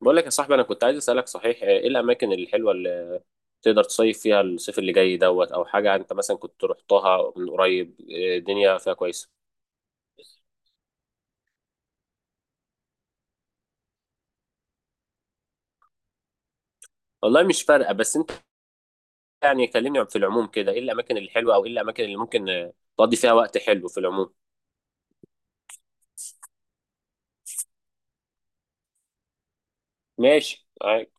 بقول لك يا صاحبي، انا كنت عايز اسالك. صحيح ايه الاماكن الحلوه اللي تقدر تصيف فيها الصيف اللي جاي دوت او حاجه؟ انت مثلا كنت رحتها من قريب، إيه الدنيا فيها كويسه؟ والله مش فارقه، بس انت يعني كلمني في العموم كده، ايه الاماكن الحلوه او ايه الاماكن اللي ممكن تقضي فيها وقت حلو في العموم. ماشي عادي.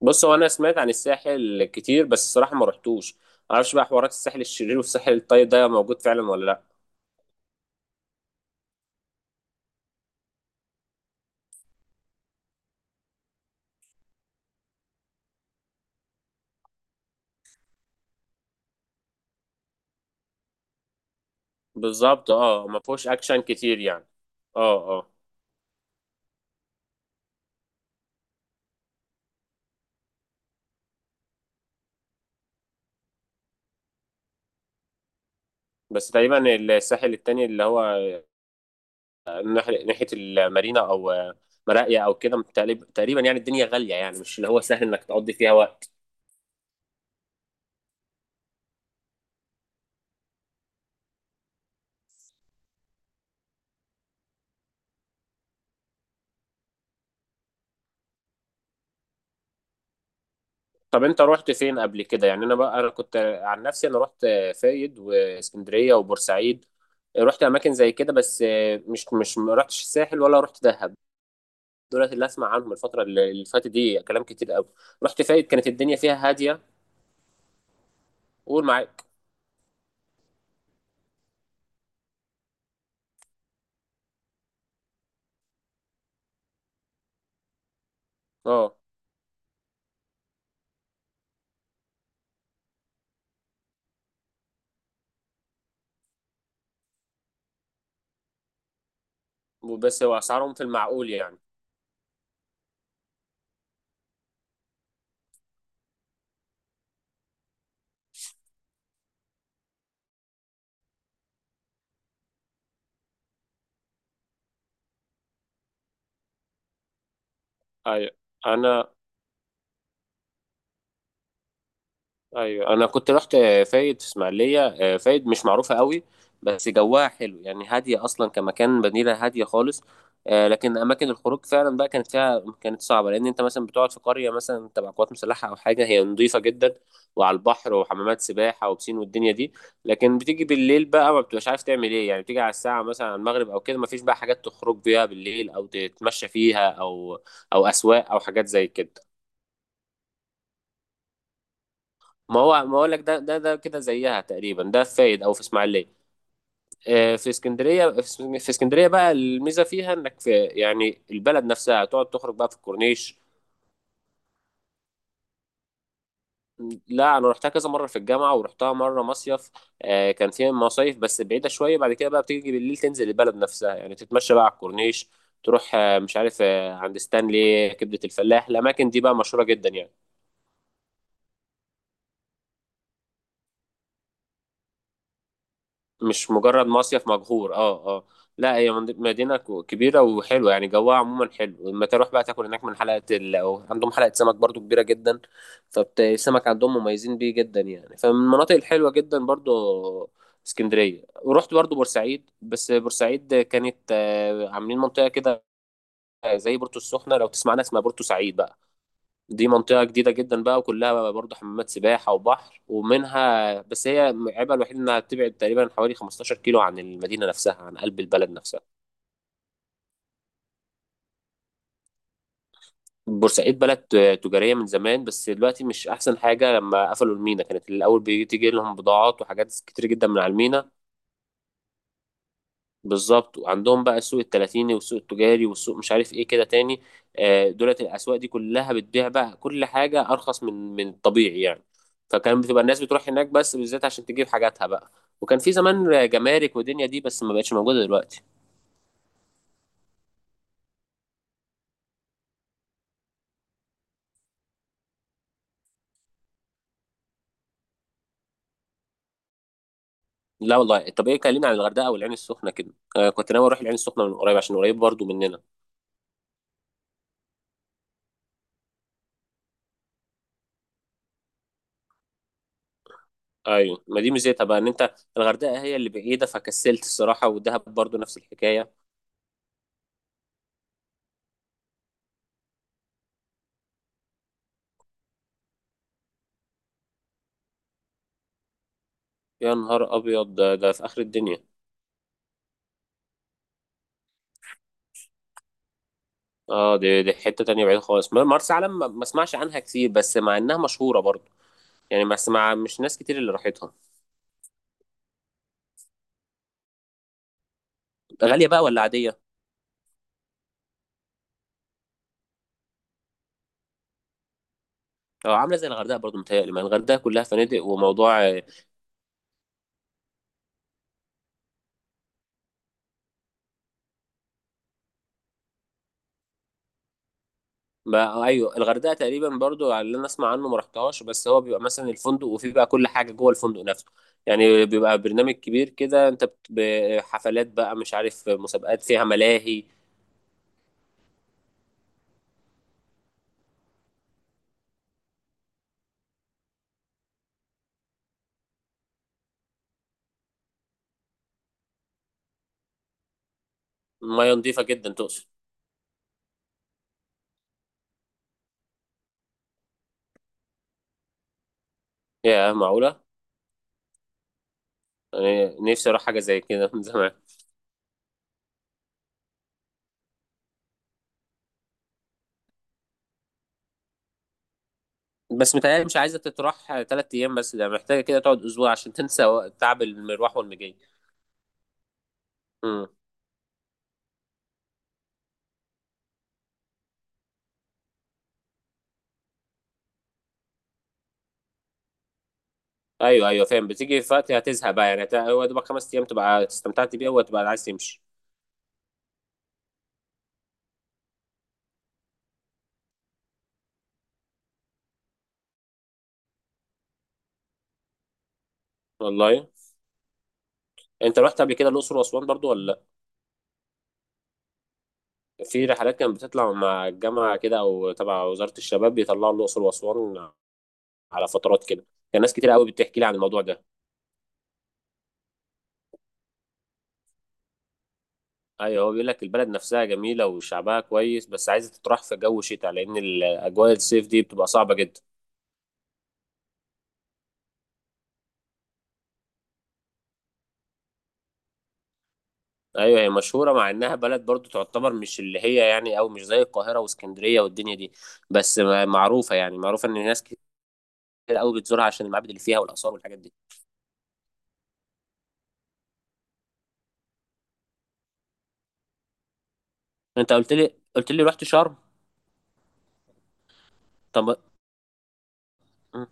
بص، هو انا سمعت عن الساحل كتير بس الصراحه ما رحتوش. معرفش بقى حوارات الساحل الشرير والساحل الطيب ده موجود فعلا ولا لا. بالظبط، اه، ما فيهوش اكشن كتير يعني. اه اه. بس تقريبا الساحل التاني اللي هو ناحيه المارينا او مراقيه او كده تقريبا، يعني الدنيا غاليه، يعني مش اللي هو سهل انك تقضي فيها وقت. طب انت رحت فين قبل كده؟ يعني انا بقى انا كنت، عن نفسي انا رحت فايد واسكندريه وبورسعيد. رحت اماكن زي كده بس مش ما رحتش الساحل ولا رحت دهب. دولت اللي اسمع عنهم الفتره اللي فاتت دي كلام كتير قوي. رحت فايد، كانت الدنيا فيها هاديه. قول معاك. اه، بس هو اسعارهم في المعقول يعني. ايوه انا ايوه انا كنت رحت فايد في اسماعيليه. فايد مش معروفه قوي بس جواها حلو يعني، هاديه اصلا كمكان، مدينه هاديه خالص. لكن اماكن الخروج فعلا بقى كانت فيها، كانت صعبه، لان انت مثلا بتقعد في قريه مثلا تبع قوات مسلحه او حاجه، هي نظيفه جدا وعلى البحر وحمامات سباحه وبسين والدنيا دي، لكن بتيجي بالليل بقى ما بتبقاش عارف تعمل ايه، يعني بتيجي على الساعه مثلا على المغرب او كده ما فيش بقى حاجات تخرج بيها بالليل او تتمشى فيها او اسواق او حاجات زي كده. ما هو ما اقول لك، ده كده زيها تقريبا، ده في فايد او في اسماعيليه. في اسكندريه، في اسكندريه بقى الميزه فيها انك في يعني البلد نفسها تقعد تخرج بقى في الكورنيش. لا انا رحتها كذا مره في الجامعه ورحتها مره مصيف. كان فيها مصايف بس بعيده شويه، بعد كده بقى بتيجي بالليل تنزل البلد نفسها يعني تتمشى بقى على الكورنيش، تروح مش عارف عند ستانلي، كبده الفلاح، الاماكن دي بقى مشهوره جدا يعني. مش مجرد مصيف مجهور، اه اه. لا هي مدينة كبيرة وحلوة يعني، جوها عموما حلو، لما تروح بقى تاكل هناك من حلقة أو عندهم حلقة سمك برضو كبيرة جدا. فالسمك عندهم مميزين بيه جدا يعني، فمن المناطق الحلوة جدا برضو اسكندرية. ورحت برضو بورسعيد، بس بورسعيد كانت عاملين منطقة كده زي بورتو السخنة لو تسمعنا، اسمها بورتو سعيد بقى. دي منطقة جديدة جدا بقى وكلها بقى برضه حمامات سباحة وبحر، ومنها بس، هي عيبها الوحيد إنها بتبعد تقريبا حوالي 15 كيلو عن المدينة نفسها، عن قلب البلد نفسها. بورسعيد بلد تجارية من زمان بس دلوقتي مش أحسن حاجة، لما قفلوا المينا كانت الأول بتيجي لهم بضاعات وحاجات كتير جدا من على المينا. بالظبط، وعندهم بقى السوق التلاتيني والسوق التجاري والسوق مش عارف ايه كده تاني. دولت الاسواق دي كلها بتبيع بقى كل حاجه ارخص من الطبيعي يعني. فكان بتبقى الناس بتروح هناك بس بالذات عشان تجيب حاجاتها بقى. وكان في زمان جمارك ودنيا دي بس ما بقتش موجوده دلوقتي. لا والله. طب ايه، كلمني عن الغردقه والعين السخنه كده. كنت ناوي اروح العين السخنه من قريب عشان قريب برضو مننا. ايوه ما دي ميزتها بقى، ان انت الغردقه هي اللي بعيده فكسلت الصراحه، والدهب برضو نفس الحكايه. يا نهار ابيض ده، ده في اخر الدنيا. اه دي حتة تانية بعيد خالص، مرسى علم ما اسمعش عنها كتير بس مع انها مشهورة برضو. يعني ما اسمع مش ناس كتير اللي راحتها. غالية بقى ولا عادية؟ اه، عاملة زي الغردقة برضو متهيألي، ما الغردقة كلها فنادق وموضوع ما ايوه الغردقة تقريبا برضو على اللي انا اسمع عنه، ما رحتهاش، بس هو بيبقى مثلا الفندق وفيه بقى كل حاجة جوه الفندق نفسه. يعني بيبقى برنامج كبير كده، انت حفلات بقى، مش عارف مسابقات فيها ملاهي. مياه نظيفة جدا تقصد؟ يا معقولة؟ يعني نفسي اروح حاجة زي كده من زمان. بس متهيألي مش عايزة تتراح تلات أيام بس، ده محتاجة كده تقعد أسبوع عشان تنسى تعب المروح والمجاي. امم. أيوه أيوه فاهم، بتيجي في وقت هتزهق بقى يعني، هو دوبك خمس أيام تبقى استمتعت بيها وتبقى عايز تمشي. والله. أنت رحت قبل كده الأقصر وأسوان برضو ولا لأ؟ في رحلات كانت بتطلع مع الجامعة كده أو تبع وزارة الشباب، بيطلعوا الأقصر وأسوان على فترات كده. كان ناس كتير قوي بتحكي لي عن الموضوع ده. ايوه، هو بيقول لك البلد نفسها جميله وشعبها كويس بس عايزه تتراح في جو شتاء، لان الاجواء الصيف دي بتبقى صعبه جدا. ايوه هي مشهوره، مع انها بلد برضو تعتبر مش اللي هي يعني، او مش زي القاهره واسكندريه والدنيا دي، بس معروفه يعني، معروفه ان ناس كتير قوي بتزورها عشان المعابد اللي فيها والاثار والحاجات دي. انت قلت لي رحت شرم. طب. م.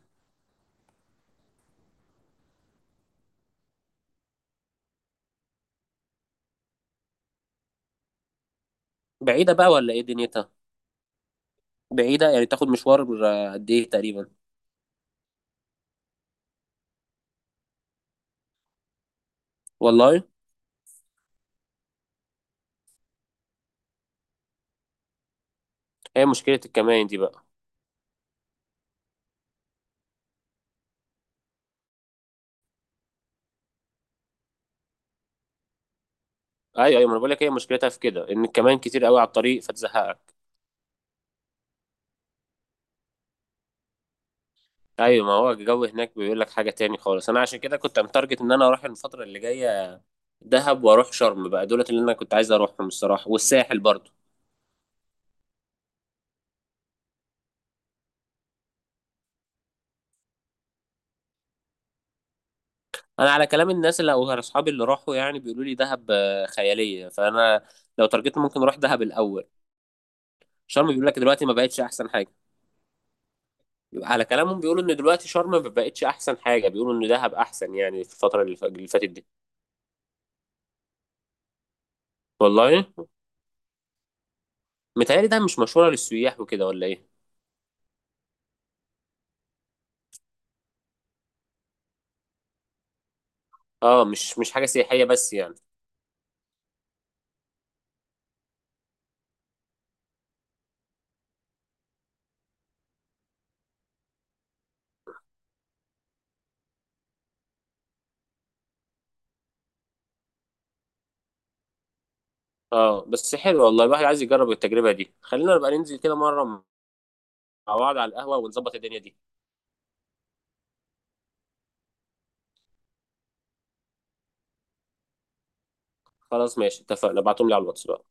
بعيده بقى ولا ايه دنيتها؟ بعيده يعني تاخد مشوار، قد ايه تقريبا؟ والله. هي مشكله الكمائن دي بقى. ايوه ايوه، ما انا بقول لك هي مشكلتها في كده، ان الكمائن كتير قوي على الطريق فتزهقك. ايوه ما هو الجو هناك بيقول لك حاجه تاني خالص، انا عشان كده كنت متارجت ان انا اروح الفتره اللي جايه دهب واروح شرم بقى، دولت اللي انا كنت عايز اروحهم الصراحه، والساحل برضو. انا على كلام الناس اللي او اصحابي اللي راحوا يعني بيقولوا لي دهب خياليه، فانا لو ترجيت ممكن اروح دهب الاول. شرم بيقول لك دلوقتي ما بقتش احسن حاجه، على كلامهم بيقولوا ان دلوقتي شرم ما بقتش احسن حاجه، بيقولوا ان دهب احسن يعني في الفتره اللي فاتت دي. والله. متهيألي دهب مش مشهوره للسياح وكده ولا ايه؟ اه مش حاجه سياحيه بس يعني. اه بس حلو والله، الواحد عايز يجرب التجربه دي، خلينا نبقى ننزل كده مره مع بعض على القهوه ونظبط الدنيا دي. خلاص ماشي اتفقنا، ابعتهم لي على الواتس بقى.